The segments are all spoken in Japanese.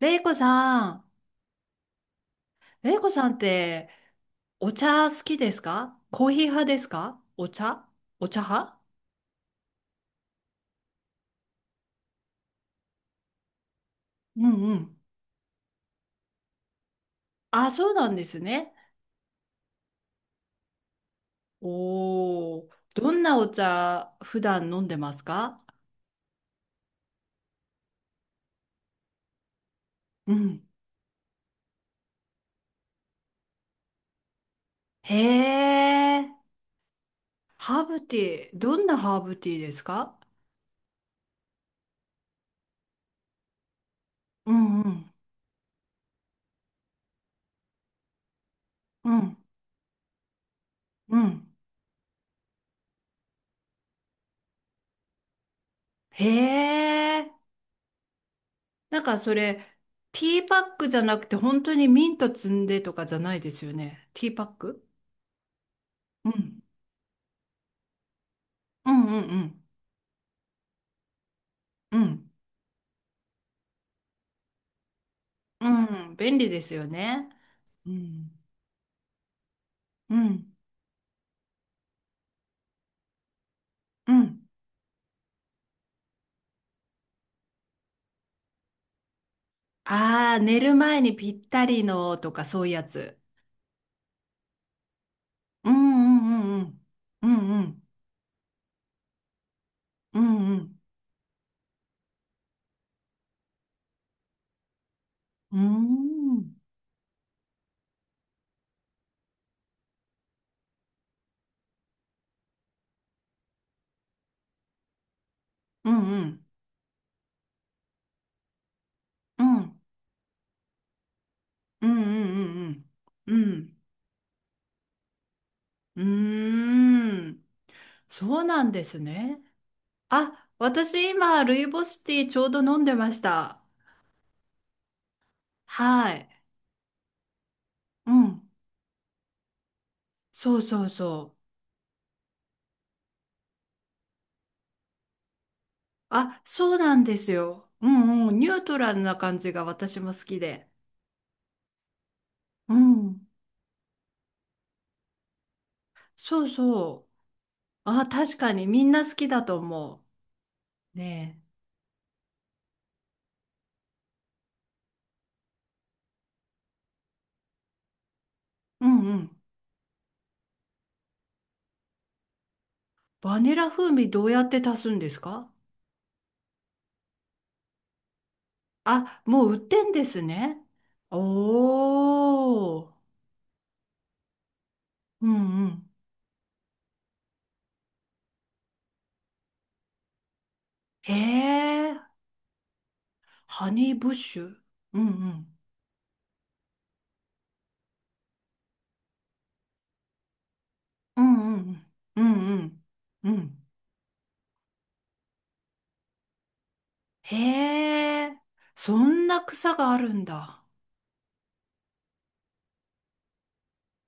レイコさん、レイコさんって、お茶好きですか？コーヒー派ですか？お茶、お茶派。うんうん。あ、そうなんですね。おー、どんなお茶普段飲んでますか？うん。へえ、ハーブティー、どんなハーブティーですか？うんうんうんうん、へえ、なんかそれ、ティーパックじゃなくて本当にミント摘んでとかじゃないですよね？ティーパック。うん。うんうんうん。うん。うん。便利ですよね。うん。うん。うん。ああー、寝る前にぴったりのとかそういうやつ。うんうんうんうん。うんうん。うんうん。うんうんうんうんうんうんうんうんうん。そうなんですね。あ、私今、ルイボスティーちょうど飲んでました。はい。うん。そうそうそう。あ、そうなんですよ。うんうん。ニュートラルな感じが私も好きで。うん。そうそう。あ、確かにみんな好きだと思う。ねえ。うんうん。バニラ風味どうやって足すんですか？あ、もう売ってんですね。おー。うんうん。へえ。ハニーブッシュ。うんうん。うんうんうん。うんうん。うんへえ。そんな草があるんだ。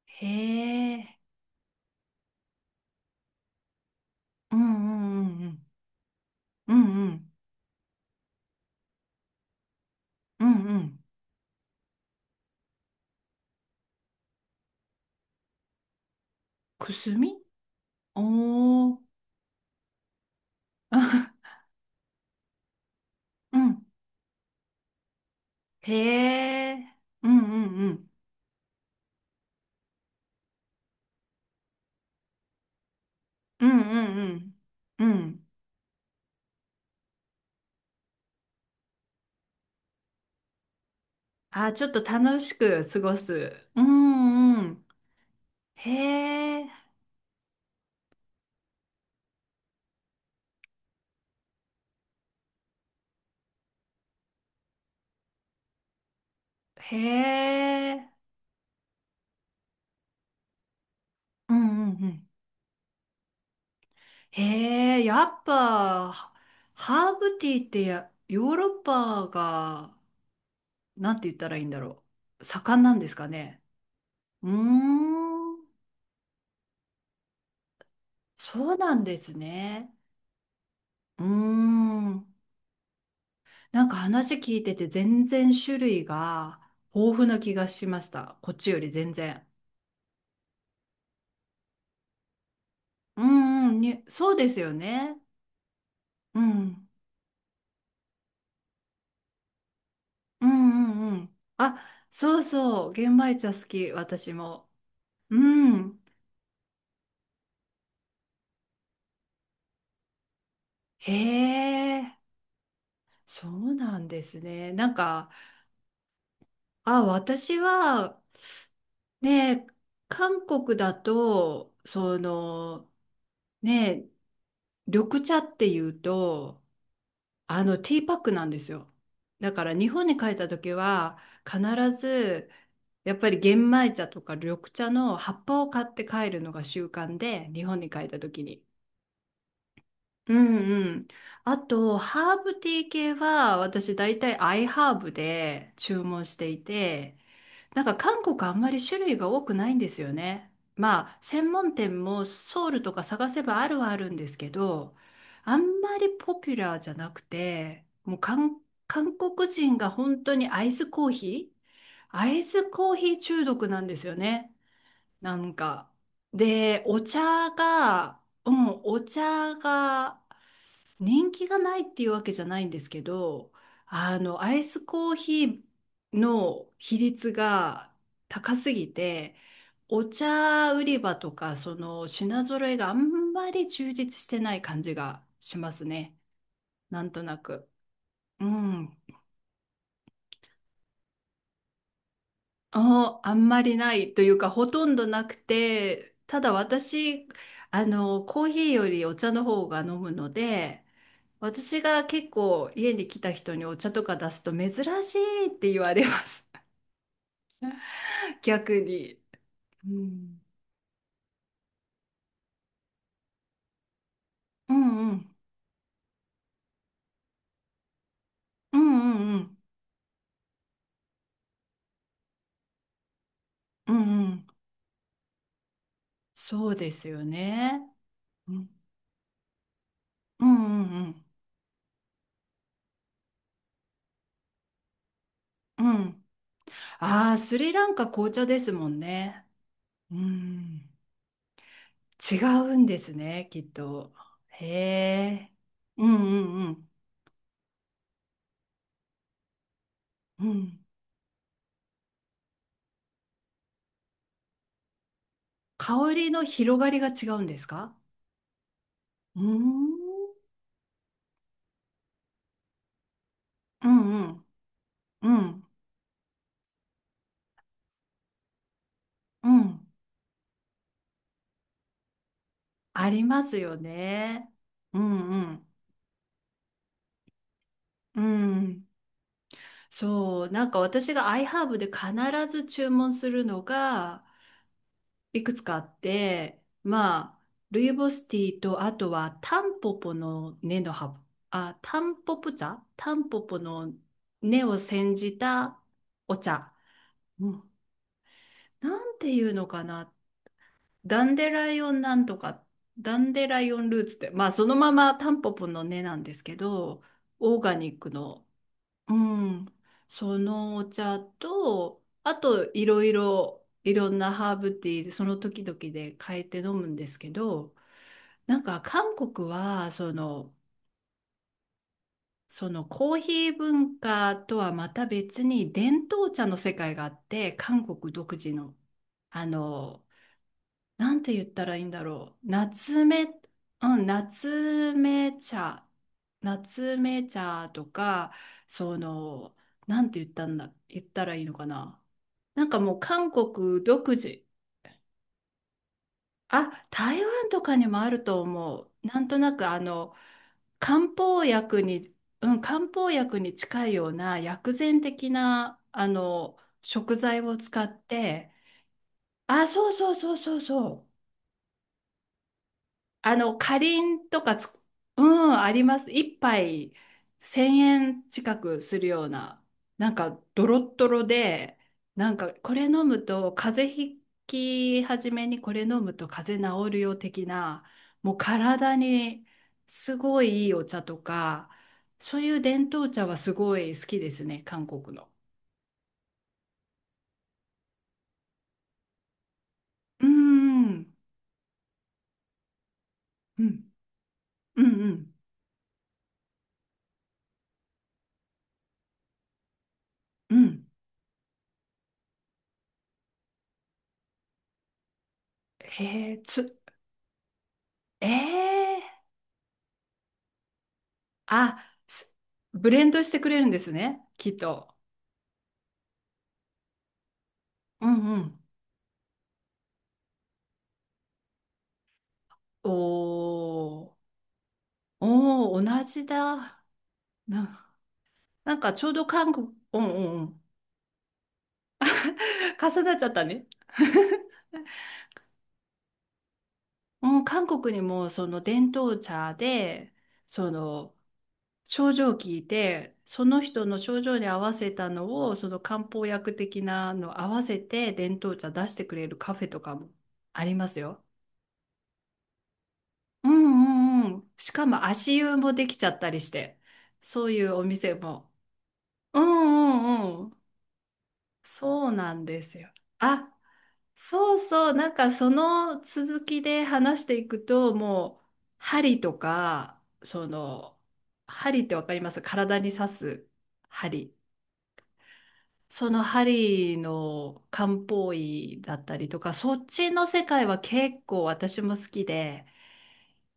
へえ。うんうんうんうんうんうんうんくすみ、おー、あ、 うん、へえ、うんうんうんうんうんうんうん、あ、ちょっと楽しく過ごす、うんうん、へえ、へえ、うんうんうん、へえ、やっぱハーブティーって、や、ヨーロッパが、なんて言ったらいいんだろう盛んなんですかね？うーん。そうなんですね。うーん。なんか話聞いてて全然種類が豊富な気がしました。こっちより全然。うんうん、に、そうですよね。うん。うんうんうん。あ、そうそう。玄米茶好き、私も。うん。へえ、そうなんですね。なんか、あ、私は、ね、韓国だと、その、ね、緑茶っていうと、あの、ティーパックなんですよ。だから日本に帰った時は必ずやっぱり玄米茶とか緑茶の葉っぱを買って帰るのが習慣で、日本に帰った時に。うんうん。あと、ハーブティー系は、私大体アイハーブで注文していて、なんか韓国あんまり種類が多くないんですよね。まあ、専門店もソウルとか探せばあるはあるんですけど、あんまりポピュラーじゃなくて、もう韓国人が本当にアイスコーヒー、アイスコーヒー中毒なんですよね。なんか。で、お茶が、うん、お茶が、人気がないっていうわけじゃないんですけど、あの、アイスコーヒーの比率が高すぎて、お茶売り場とか、その品揃えがあんまり充実してない感じがしますね。なんとなく。うん。あ、あんまりないというか、ほとんどなくて、ただ私、あの、コーヒーよりお茶の方が飲むので、私が結構家に来た人にお茶とか出すと珍しいって言われます。逆に。うん。うんうん。うんうんうん。うんうん。そうですよね。うんうんうんうん。うん。ああ、スリランカ紅茶ですもんね。うん。違うんですね、きっと。へえ。うんうんうん。うん。香りの広がりが違うんですか？うーん。うんうん。うん。うん。ありますよね。うんうん。うん。そう。なんか私が iHerb で必ず注文するのがいくつかあって、まあ、ルイボスティーと、あとはタンポポの根の葉、あ、タンポポ茶、タンポポの根を煎じたお茶。うん。なんていうのかな。ダンデライオンなんとか、ダンデライオンルーツって、まあそのままタンポポの根なんですけど、オーガニックの、うん、そのお茶と、あといろいろいろんなハーブティーでその時々で変えて飲むんですけど、なんか韓国はその、そのコーヒー文化とはまた別に伝統茶の世界があって、韓国独自の、あの、なんて言ったらいいんだろう。夏目、うん、夏目茶、夏目茶とか、その、なんて言ったんだ、言ったらいいのかな。なんかもう韓国独自。あ、台湾とかにもあると思う。なんとなくあの、漢方薬に、うん、漢方薬に近いような薬膳的な、あの、食材を使って、あ、そうそうそうそうそう。あの、かりんとかつ、うん、あります。一杯1000円近くするような、なんかドロッドロで、なんかこれ飲むと風邪治るよ的な、もう体にすごいいいお茶とか、そういう伝統茶はすごい好きですね、韓国の。うん、うん、うん、うん、うん。へえ、つ、ええ、あ、ブレンドしてくれるんですね、きっと。うんうん。おー、おー、同じだ。な、なんかちょうど韓国、うんうんうん。重なっちゃったね。うん、韓国にもその伝統茶で、その症状を聞いて、その人の症状に合わせたのを、その漢方薬的なの合わせて伝統茶出してくれるカフェとかもありますよ。うんうんうん。しかも足湯もできちゃったりして、そういうお店も。うんうんうん。そうなんですよ。あ、そうそう。なんかその続きで話していくと、もう針とか、その、針ってわかります？体に刺す針。その針の漢方医だったりとか、そっちの世界は結構私も好きで、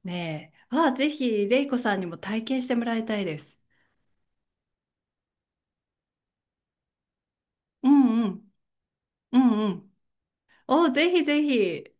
ねえ。ああ、ぜひ、れいこさんにも体験してもらいたいです。うんうん。うんうん。お、ぜひぜひ。